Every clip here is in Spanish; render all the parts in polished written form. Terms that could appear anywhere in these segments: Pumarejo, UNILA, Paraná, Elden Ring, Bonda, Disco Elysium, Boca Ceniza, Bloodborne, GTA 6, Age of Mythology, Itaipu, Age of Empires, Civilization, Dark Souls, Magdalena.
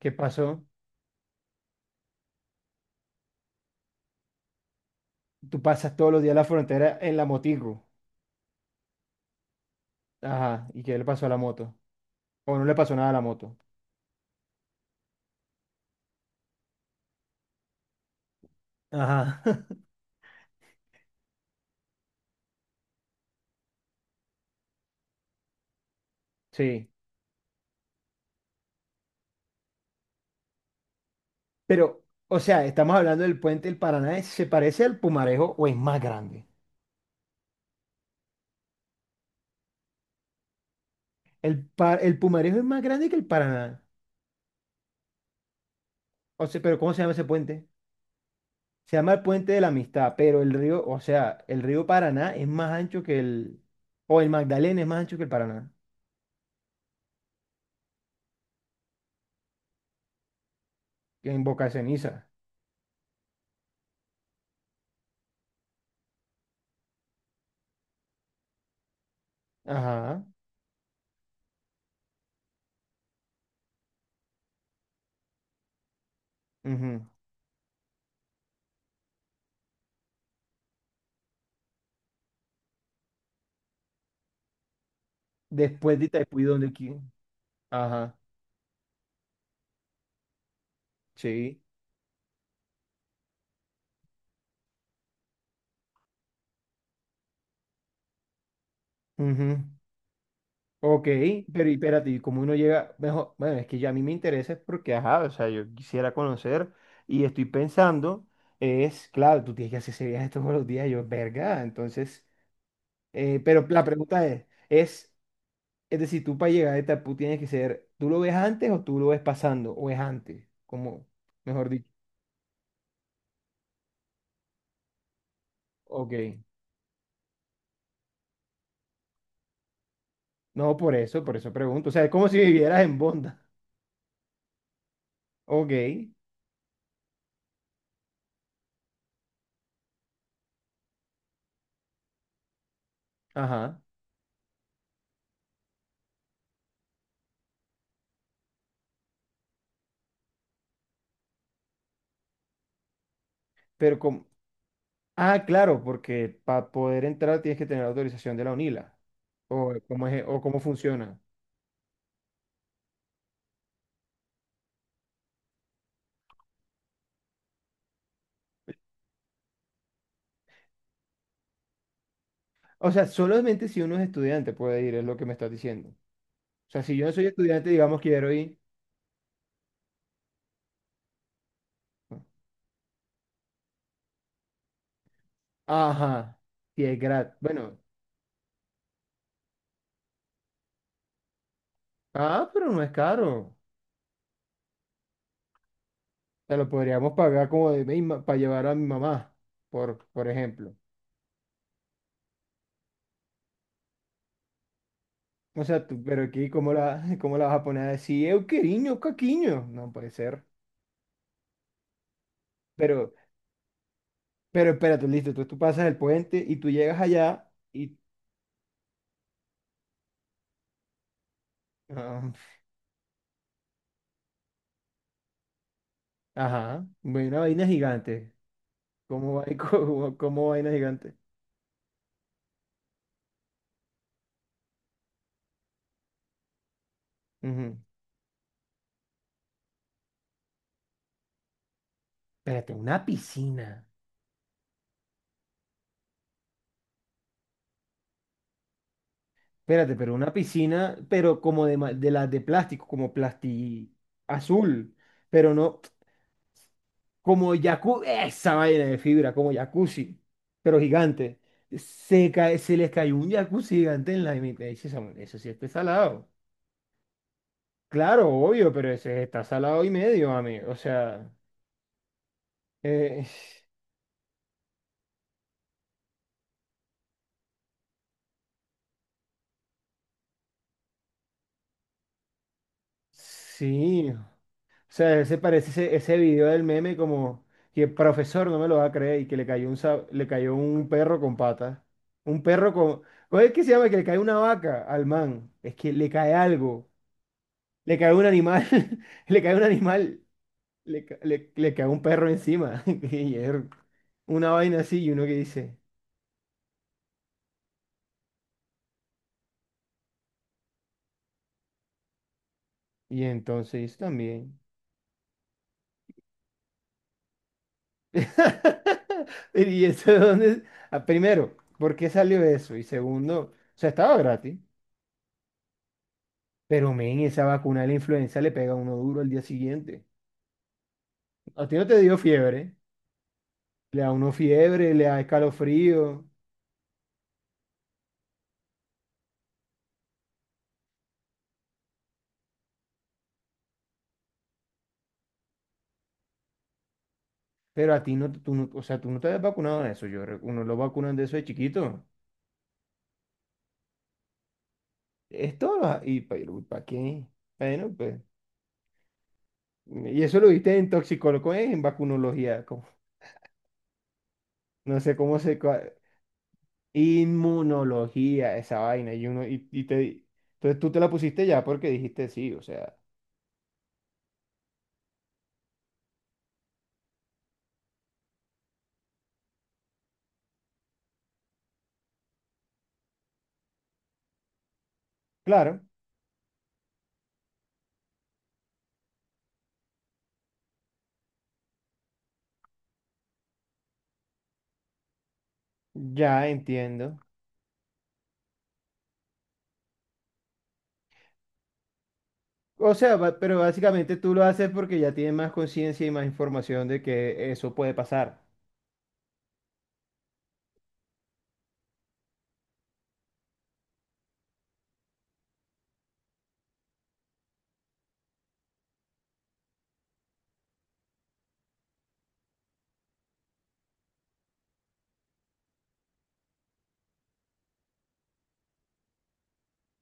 ¿Qué pasó? Tú pasas todos los días la frontera en la motico. Ajá. ¿Y qué le pasó a la moto? O no le pasó nada a la moto. Ajá. Sí. Pero, o sea, estamos hablando del puente del Paraná. ¿Se parece al Pumarejo o es más grande? El, el Pumarejo es más grande que el Paraná. O sea, pero ¿cómo se llama ese puente? Se llama el puente de la amistad, pero el río, o sea, el río Paraná es más ancho que el... O el Magdalena es más ancho que el Paraná, que en Boca Ceniza. Ajá, ujú. Después de Itaipu y donde quiera. Sí, ujú. Ok, pero y espérate, ¿y cómo uno llega? Mejor, bueno, es que ya a mí me interesa es porque, ajá, o sea, yo quisiera conocer y estoy pensando, es, claro, tú tienes que hacer ese viaje todos los días, yo, verga, entonces, pero la pregunta es decir, tú para llegar a esta, tú tienes que ser, ¿tú lo ves antes o tú lo ves pasando? ¿O es antes? Como, mejor dicho, ok. No, por eso pregunto, o sea, es como si vivieras en Bonda. Ok, ajá, pero como... Ah, claro, porque para poder entrar tienes que tener autorización de la UNILA. O cómo es, o cómo funciona. O sea, solamente si uno es estudiante puede ir, es lo que me estás diciendo. O sea, si yo no soy estudiante, digamos, quiero ir. Ajá, y es gratis. Bueno, ah, pero no es caro. Te lo podríamos pagar como de para llevar a mi mamá, por ejemplo. O sea, tú, pero aquí, ¿cómo la, cómo la vas a poner a decir, eu queriño, caquiño? No puede ser. Pero Pero espérate, listo, entonces tú pasas el puente y tú llegas allá y... ah, ajá, ve una vaina gigante. ¿Cómo, cómo, cómo vaina gigante? Ujú. Espérate, una piscina. Espérate, pero una piscina, pero como de, de las de plástico, como plasti azul, pero no como jacuzzi, esa vaina de fibra, como jacuzzi, pero gigante. Se, cae, se les cayó un jacuzzi gigante en la mitad. Eso, sí es salado. Claro, obvio, pero ese está salado y medio, mami. O sea, eh, sí. O sea, ese parece ese, ese video del meme como que el profesor no me lo va a creer y que le cayó un, le cayó un perro con patas. Un perro con... ¿Cómo es que se llama? Que le cae una vaca al man. Es que le cae algo. Le cae un animal. Le cae un animal. Le, le, le cae un perro encima. Y es una vaina así y uno que dice. Y entonces también. Y eso de dónde, ah, primero, ¿por qué salió eso? Y segundo, o sea, estaba gratis, pero men, esa vacuna de la influenza le pega a uno duro al día siguiente. A ti no te dio fiebre, le da uno fiebre, le da escalofrío, pero a ti no, tú no, o sea, tú no te has vacunado de eso. Yo, uno lo vacunan de eso de chiquito. Esto, y ¿para qué? Bueno, pues, y eso lo viste en toxicología, en vacunología, como, no sé cómo se, inmunología, esa vaina, y uno, y te, entonces tú te la pusiste ya porque dijiste sí, o sea, claro, ya entiendo. O sea, pero básicamente tú lo haces porque ya tienes más conciencia y más información de que eso puede pasar.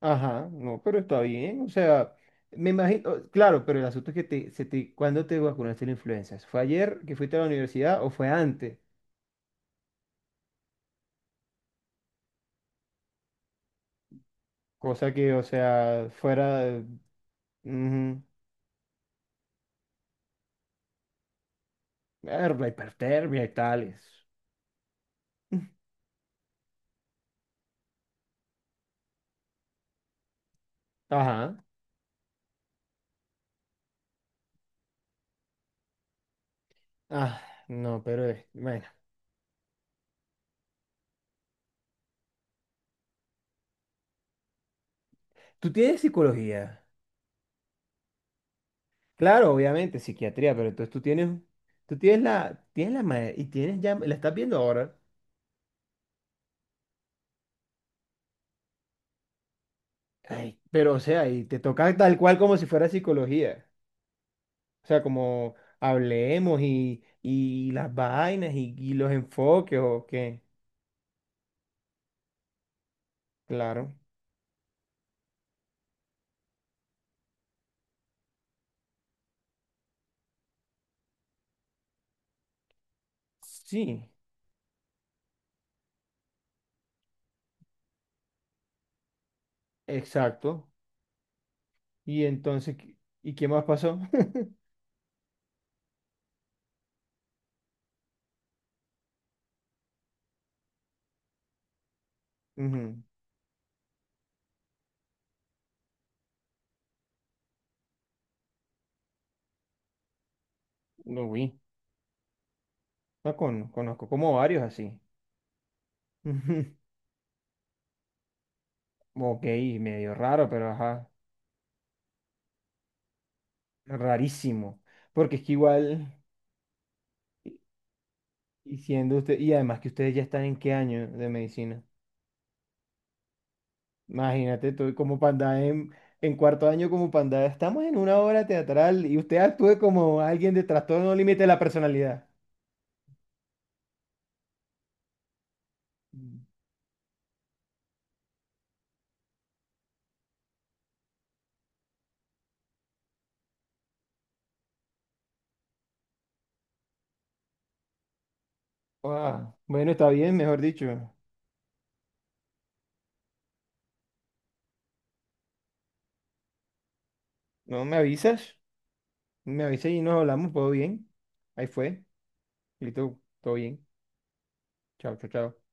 Ajá, no, pero está bien, o sea, me imagino, claro, pero el asunto es que te, se te, ¿cuándo te vacunaste la influenza? ¿Fue ayer que fuiste a la universidad o fue antes? Cosa que, o sea, fuera, ujú, la hipertermia y tales. Ajá. Ah, no, pero es, bueno, tú tienes psicología, claro, obviamente, psiquiatría, pero entonces tú tienes la y tienes ya, la estás viendo ahora, ay, pero o sea, y te toca tal cual como si fuera psicología, o sea, como hablemos y las vainas y los enfoques o qué, claro, sí, exacto, y entonces, ¿qué, ¿y qué más pasó? Ujú, lo vi, no, conozco como varios así. Ok, medio raro, pero ajá, rarísimo. Porque es que igual, y siendo usted, y además que ustedes ya están en qué año de medicina. Imagínate, tú como panda en 4.º año como panda, estamos en una obra teatral y usted actúe como alguien de trastorno límite de la personalidad. Mm. Ah, bueno, está bien, mejor dicho. No me avisas, me avisas y nos hablamos, todo bien. Ahí fue, listo, todo bien. Chao, chao, chao.